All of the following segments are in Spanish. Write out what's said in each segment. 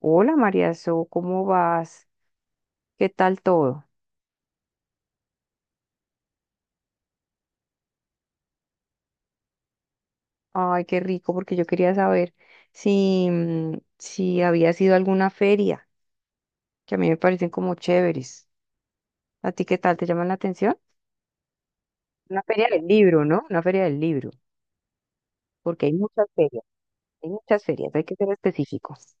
Hola María So, ¿cómo vas? ¿Qué tal todo? Ay, qué rico, porque yo quería saber si, si había sido alguna feria, que a mí me parecen como chéveres. ¿A ti qué tal? ¿Te llaman la atención? Una feria del libro, ¿no? Una feria del libro, porque hay muchas ferias, hay muchas ferias, hay que ser específicos.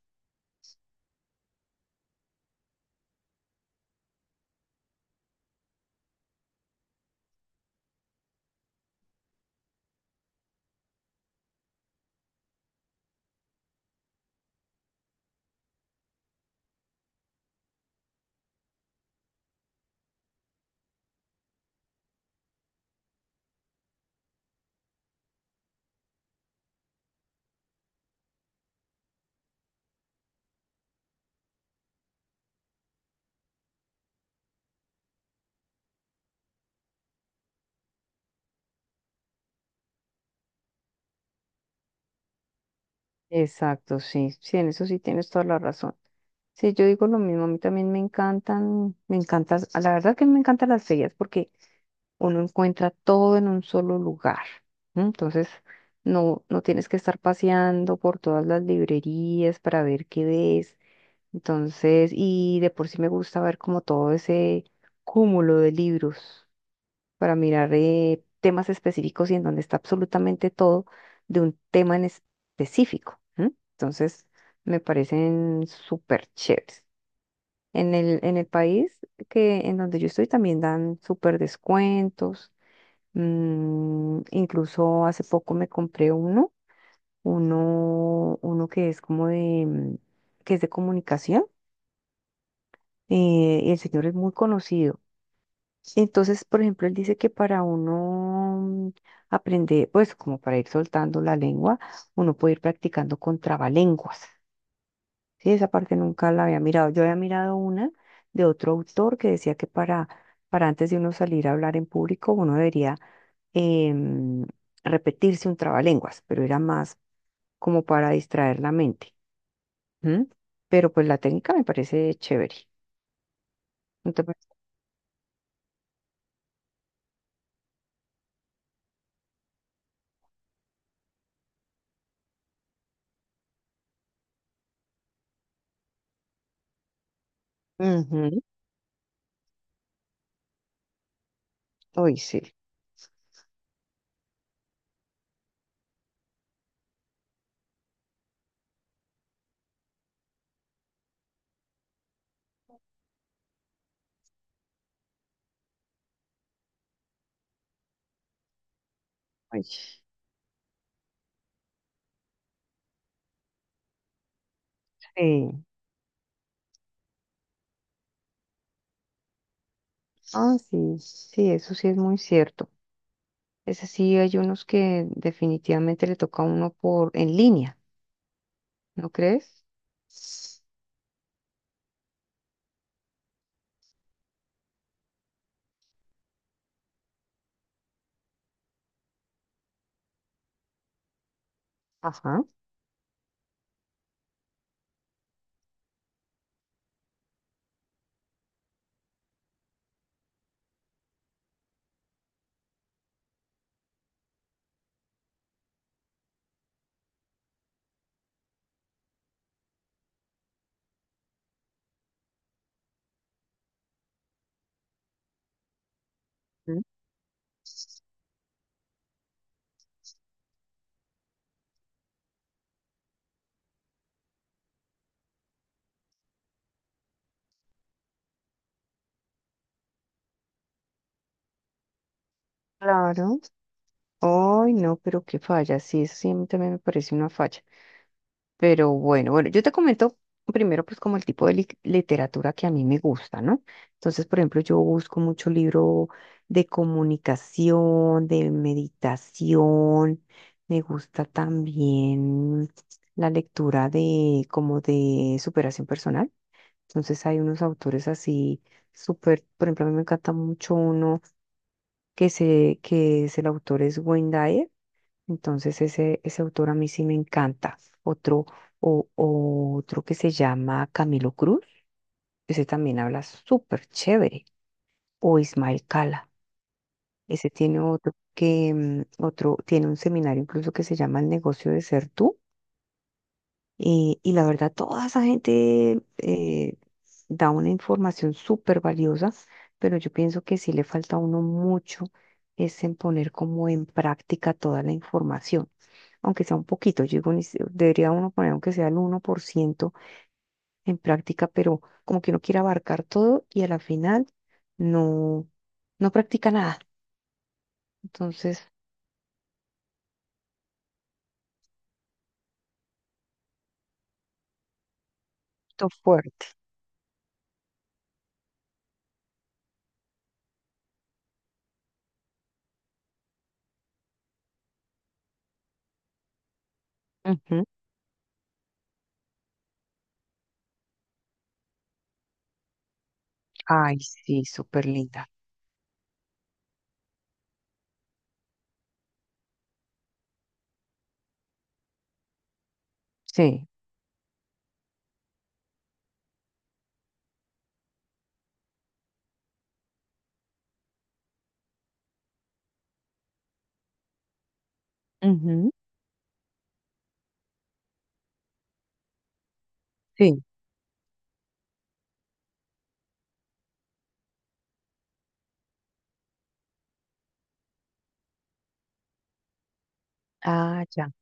Exacto, sí, sí, en eso sí tienes toda la razón. Sí, yo digo lo mismo, a mí también me encantan, la verdad que me encantan las ferias, porque uno encuentra todo en un solo lugar. ¿M? Entonces, no, no tienes que estar paseando por todas las librerías para ver qué ves. Entonces, y de por sí me gusta ver como todo ese cúmulo de libros para mirar temas específicos y en donde está absolutamente todo de un tema en específico. ¿M? Entonces, me parecen súper chéveres. En el país que en donde yo estoy también dan súper descuentos. Incluso hace poco me compré uno, uno que es como de, que es de comunicación, y el señor es muy conocido. Entonces, por ejemplo, él dice que para uno mm, aprender, pues como para ir soltando la lengua, uno puede ir practicando con trabalenguas. Sí, esa parte nunca la había mirado. Yo había mirado una de otro autor que decía que para antes de uno salir a hablar en público, uno debería em, repetirse un trabalenguas, pero era más como para distraer la mente. ¿M? Pero pues la técnica me parece chévere. ¿No te parece? Ujú. Uy, sí. Uy, sí. Ah, sí, sí, eso sí es muy cierto. Es así, hay unos que definitivamente le toca a uno por en línea, ¿no crees? Ajá. Mm. Claro. Ay, no, pero qué falla. Sí, eso sí a mí también me parece una falla. Pero bueno, bueno, yo te comento primero pues como el tipo de literatura que a mí me gusta, ¿no? Entonces, por ejemplo, yo busco mucho libro de comunicación, de meditación, me gusta también la lectura de como de superación personal. Entonces hay unos autores así súper, por ejemplo, a mí me encanta mucho uno que se que es el autor es Wayne Dyer. Entonces ese autor a mí sí me encanta. Otro, o otro que se llama Camilo Cruz, ese también habla súper chévere. O Ismael Cala, ese tiene otro que otro, tiene un seminario incluso que se llama El negocio de ser tú. Y la verdad, toda esa gente da una información súper valiosa, pero yo pienso que sí le falta a uno mucho es en poner como en práctica toda la información. Aunque sea un poquito, yo digo, ni se- debería uno poner aunque sea el 1% en práctica, pero como que uno quiere abarcar todo y a la final no, no practica nada. Entonces, esto fuerte. Ujú. Ay, sí, súper linda. Sí, Ujú, sí, ah, ya,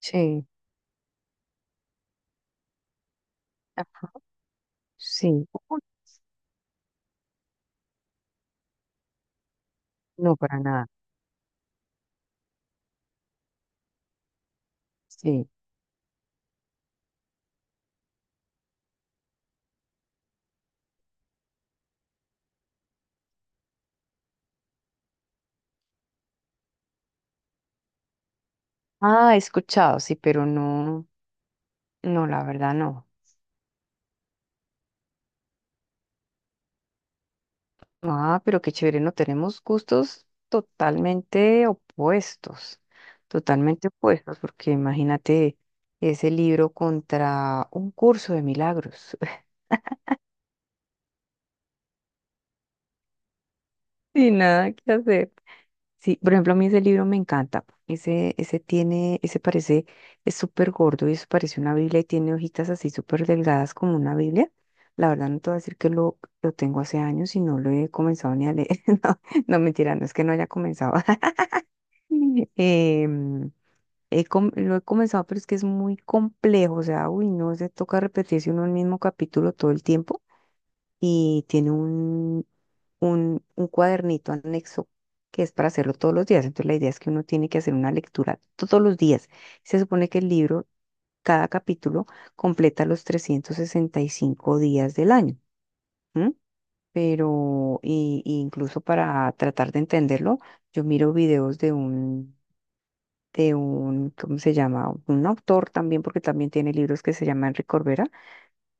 sí, ajá. Sí, Uy, no para nada, sí. Ah, he escuchado, sí, pero no, no, la verdad no. Ah, pero qué chévere, no tenemos gustos totalmente opuestos, porque imagínate ese libro contra un curso de milagros, sin nada que hacer. Sí, por ejemplo, a mí ese libro me encanta. Ese tiene, ese parece, es súper gordo y eso parece una Biblia y tiene hojitas así súper delgadas como una Biblia. La verdad no te voy a decir que lo tengo hace años y no lo he comenzado ni a leer. No, no mentira, no es que no haya comenzado. Em, lo he comenzado, pero es que es muy complejo, o sea, uy, no se toca repetirse uno el mismo capítulo todo el tiempo y tiene un cuadernito anexo que es para hacerlo todos los días. Entonces la idea es que uno tiene que hacer una lectura todos los días. Se supone que el libro, cada capítulo, completa los 365 días del año. ¿M? Pero y incluso para tratar de entenderlo, yo miro videos de un ¿cómo se llama? Un autor también, porque también tiene libros que se llama Enrique Corbera,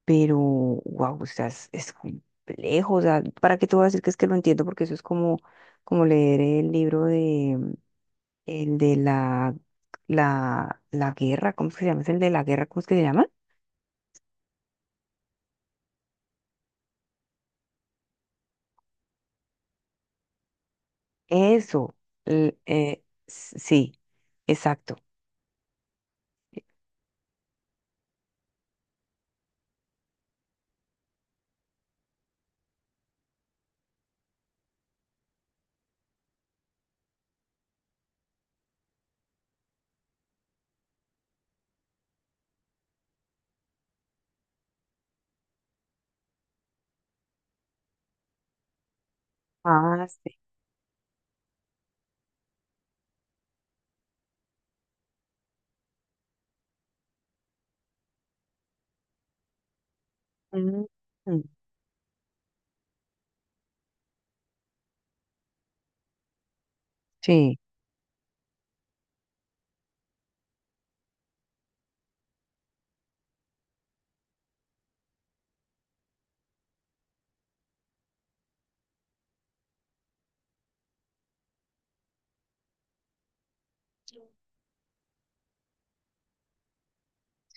pero, wow, o sea, es complejo, o sea, ¿para qué te voy a decir que es que lo entiendo? Porque eso es como leer el libro de, el de la, la guerra, ¿cómo es que se llama? ¿Es el de la guerra? ¿Cómo es que se llama? Eso, sí, exacto. Ah, sí. Mm, mm. Sí,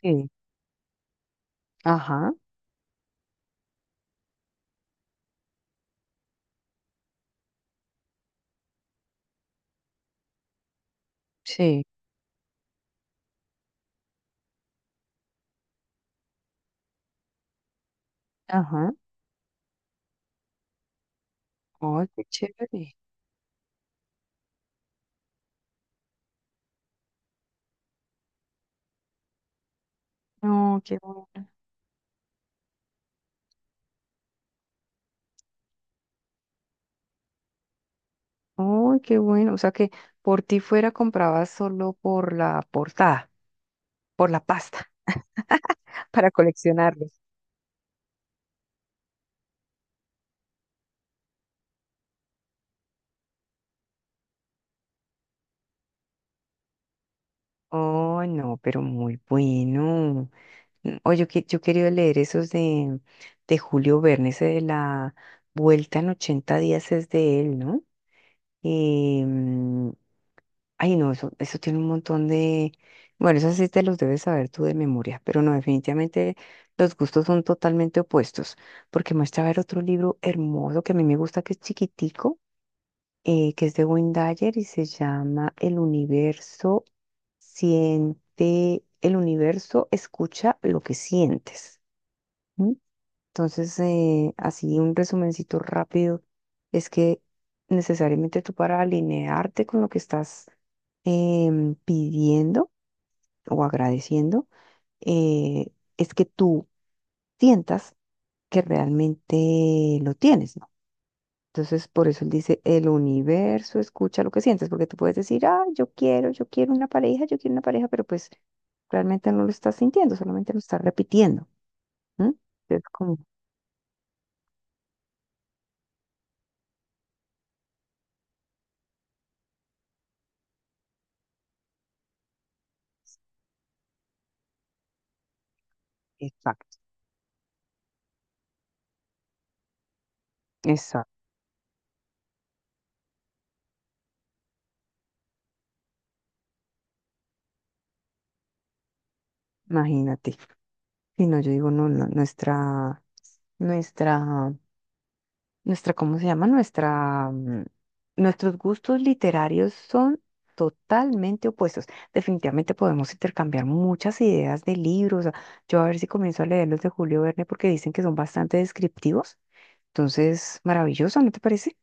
sí, ajá, sí, ajá. Ay, qué chévere. No, qué bueno. Uy, qué bueno. O sea que por ti fuera comprabas solo por la portada, por la pasta, para coleccionarlos. Oh, no, pero muy bueno. Oye, yo quería leer esos de Julio Verne, ese de la Vuelta en 80 días es de él, ¿no? Ay, no, eso tiene un montón de... Bueno, eso sí te los debes saber tú de memoria, pero no, definitivamente los gustos son totalmente opuestos, porque me estaba ver otro libro hermoso que a mí me gusta, que es chiquitico, que es de Wendayer y se llama El universo siente, el universo escucha lo que sientes. Entonces, así un resumencito rápido es que necesariamente tú para alinearte con lo que estás pidiendo o agradeciendo, eh, es que tú sientas que realmente lo tienes, ¿no? Entonces, por eso él dice, el universo escucha lo que sientes, porque tú puedes decir, ah, yo quiero una pareja, yo quiero una pareja, pero pues realmente no lo estás sintiendo, solamente lo estás repitiendo. ¿M? Es como, exacto, exacto, imagínate. Sí, no, yo digo, no, no, nuestra, nuestra, ¿cómo se llama? Nuestros gustos literarios son totalmente opuestos. Definitivamente podemos intercambiar muchas ideas de libros. Yo a ver si comienzo a leer los de Julio Verne porque dicen que son bastante descriptivos. Entonces, maravilloso, ¿no te parece?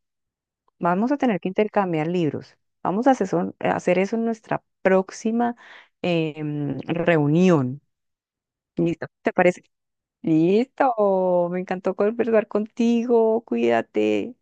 Vamos a tener que intercambiar libros. Vamos a a hacer eso en nuestra próxima reunión. ¿Listo? ¿Te parece? Listo, me encantó conversar contigo, cuídate.